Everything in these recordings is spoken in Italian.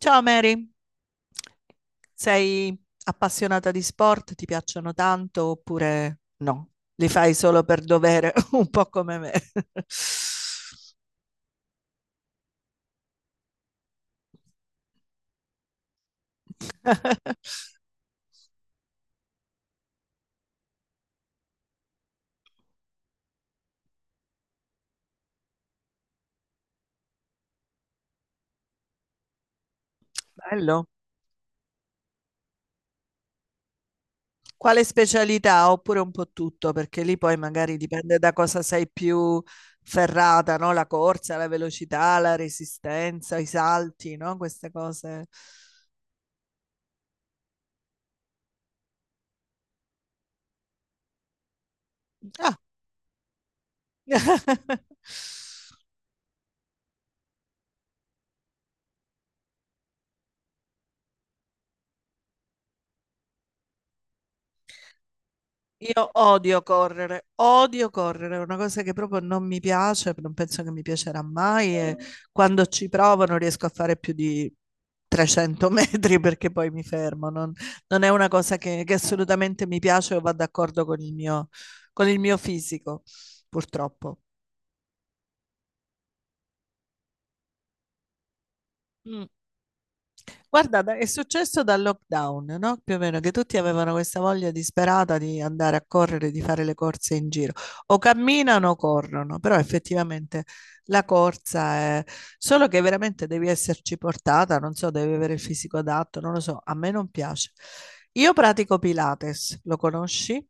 Ciao Mary, sei appassionata di sport? Ti piacciono tanto oppure no? Li fai solo per dovere, un po' come me. Bello. Quale specialità? Oppure un po' tutto, perché lì poi magari dipende da cosa sei più ferrata, no? La corsa, la velocità, la resistenza, i salti, no? Queste cose. Ah. Io odio correre, è una cosa che proprio non mi piace, non penso che mi piacerà mai e quando ci provo non riesco a fare più di 300 metri perché poi mi fermo, non, non è una cosa che assolutamente mi piace o va d'accordo con il mio fisico, purtroppo. Mm. Guarda, è successo dal lockdown, no? Più o meno, che tutti avevano questa voglia disperata di andare a correre, di fare le corse in giro. O camminano o corrono, però effettivamente la corsa è... Solo che veramente devi esserci portata, non so, devi avere il fisico adatto, non lo so, a me non piace. Io pratico Pilates, lo conosci?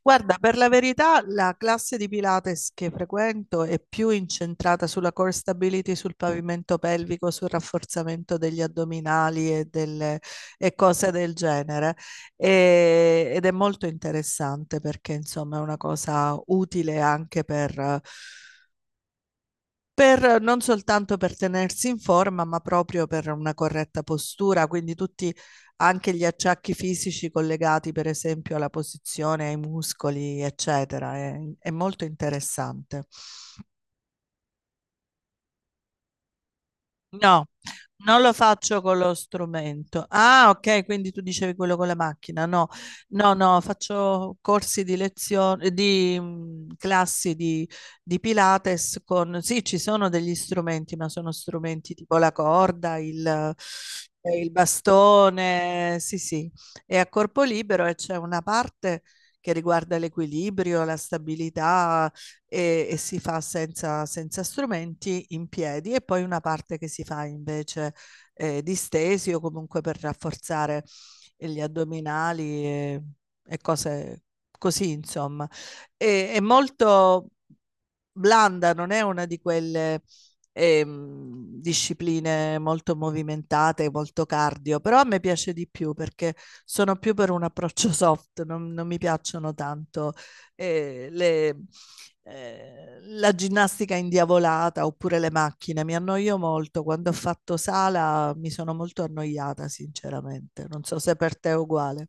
Guarda, per la verità, la classe di Pilates che frequento è più incentrata sulla core stability, sul pavimento pelvico, sul rafforzamento degli addominali e, delle, e cose del genere. Ed è molto interessante perché, insomma, è una cosa utile anche per, non soltanto per tenersi in forma, ma proprio per una corretta postura, quindi tutti anche gli acciacchi fisici collegati, per esempio, alla posizione, ai muscoli, eccetera. È molto interessante. No, non lo faccio con lo strumento. Ah, ok, quindi tu dicevi quello con la macchina. No, no, no, faccio corsi di lezione, di classi di Pilates con... Sì, ci sono degli strumenti, ma sono strumenti tipo la corda, il bastone, sì, sì. È a corpo libero e c'è una parte che riguarda l'equilibrio, la stabilità, e si fa senza, senza strumenti in piedi e poi una parte che si fa invece distesi o comunque per rafforzare gli addominali e cose così, insomma. E, è molto blanda, non è una di quelle discipline molto movimentate, molto cardio, però a me piace di più perché sono più per un approccio soft, non, non mi piacciono tanto eh, le, la ginnastica indiavolata oppure le macchine. Mi annoio molto. Quando ho fatto sala mi sono molto annoiata, sinceramente. Non so se per te è uguale.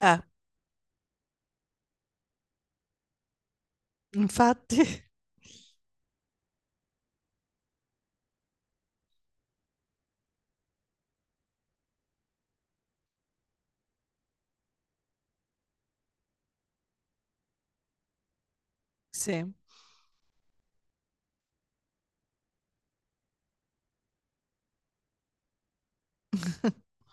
Eh, infatti, sì.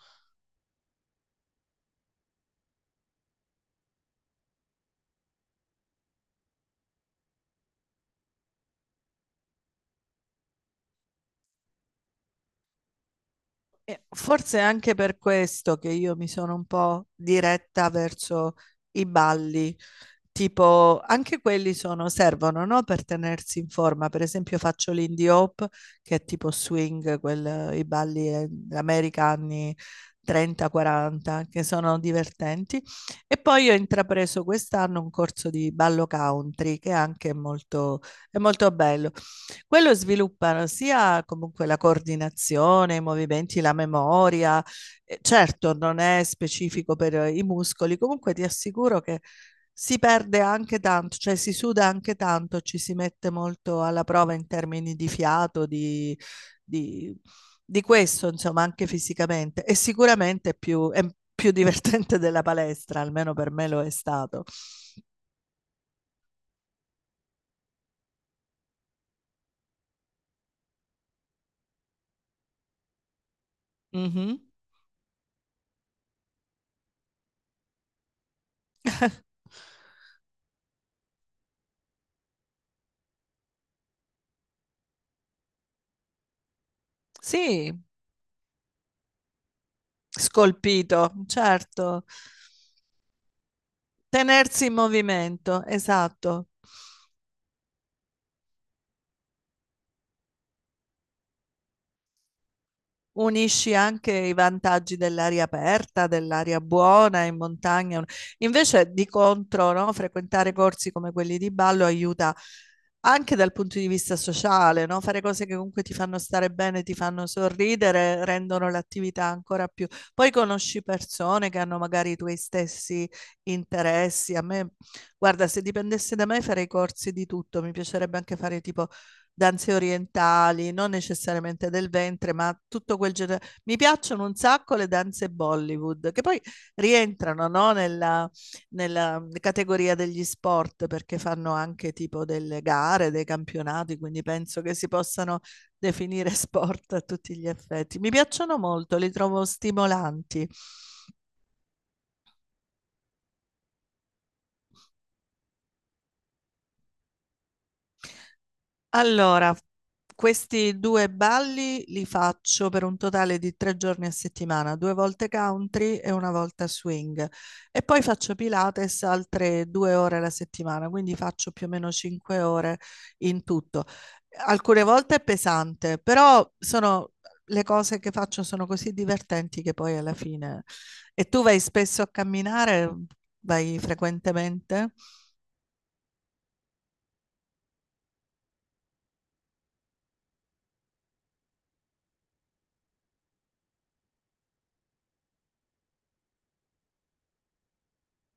E forse è anche per questo che io mi sono un po' diretta verso i balli, tipo anche quelli sono, servono, no? Per tenersi in forma. Per esempio faccio l'indie hop, che è tipo swing, i balli americani 30-40, che sono divertenti. E poi ho intrapreso quest'anno un corso di ballo country, che anche è molto bello. Quello sviluppano sia comunque la coordinazione, i movimenti, la memoria. Certo, non è specifico per i muscoli, comunque ti assicuro che si perde anche tanto, cioè si suda anche tanto, ci si mette molto alla prova in termini di fiato, di, di- di questo, insomma, anche fisicamente. E sicuramente è più divertente della palestra, almeno per me lo è stato. Mhm. Sì, scolpito, certo. Tenersi in movimento, esatto. Unisci anche i vantaggi dell'aria aperta, dell'aria buona in montagna. Invece, di contro, no, frequentare corsi come quelli di ballo aiuta anche dal punto di vista sociale, no? Fare cose che comunque ti fanno stare bene, ti fanno sorridere, rendono l'attività ancora più. Poi conosci persone che hanno magari i tuoi stessi interessi. A me, guarda, se dipendesse da me farei corsi di tutto, mi piacerebbe anche fare tipo danze orientali, non necessariamente del ventre, ma tutto quel genere. Mi piacciono un sacco le danze Bollywood, che poi rientrano, no, nella, nella categoria degli sport, perché fanno anche tipo delle gare, dei campionati, quindi penso che si possano definire sport a tutti gli effetti. Mi piacciono molto, li trovo stimolanti. Allora, questi due balli li faccio per un totale di 3 giorni a settimana, 2 volte country e 1 volta swing. E poi faccio Pilates altre 2 ore alla settimana, quindi faccio più o meno 5 ore in tutto. Alcune volte è pesante, però sono, le cose che faccio sono così divertenti che poi alla fine... E tu vai spesso a camminare? Vai frequentemente?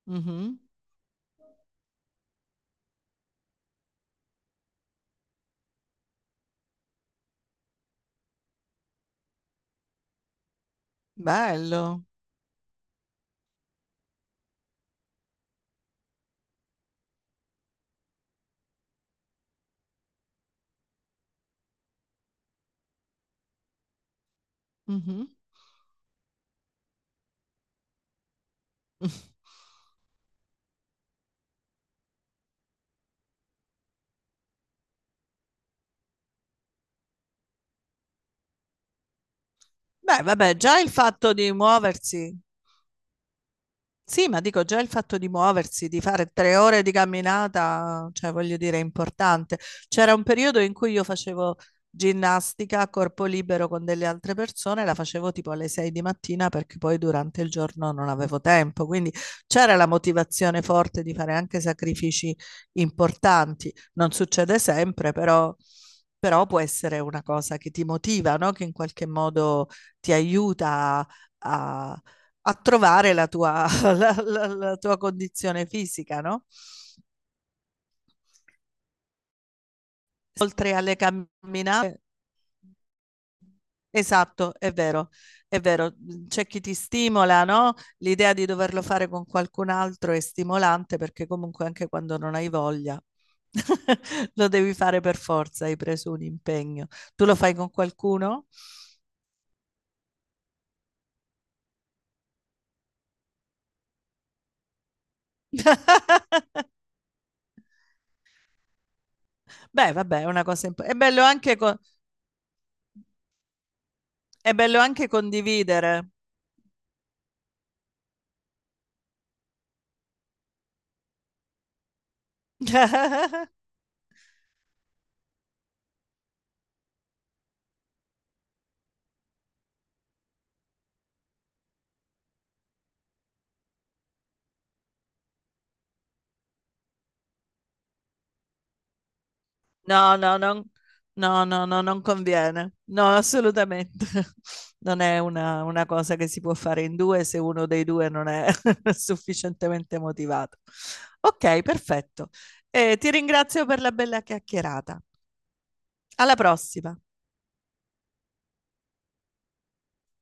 Mhm. Bello. Mhm. Beh, vabbè, già il fatto di muoversi, sì, ma dico già il fatto di muoversi, di fare 3 ore di camminata, cioè voglio dire, è importante. C'era un periodo in cui io facevo ginnastica a corpo libero con delle altre persone, la facevo tipo alle 6 di mattina perché poi durante il giorno non avevo tempo, quindi c'era la motivazione forte di fare anche sacrifici importanti. Non succede sempre, però, però può essere una cosa che ti motiva, no? Che in qualche modo ti aiuta a a trovare la tua, la, la tua condizione fisica, no? Oltre alle camminate. Esatto, è vero, è vero. C'è chi ti stimola, no? L'idea di doverlo fare con qualcun altro è stimolante perché comunque anche quando non hai voglia lo devi fare per forza, hai preso un impegno. Tu lo fai con qualcuno? Beh, vabbè, è una cosa importante. È bello anche, è bello anche condividere. No, no, non, no, no, no, non conviene. No, assolutamente. Non è una cosa che si può fare in due se uno dei due non è sufficientemente motivato. Ok, perfetto. Ti ringrazio per la bella chiacchierata. Alla prossima.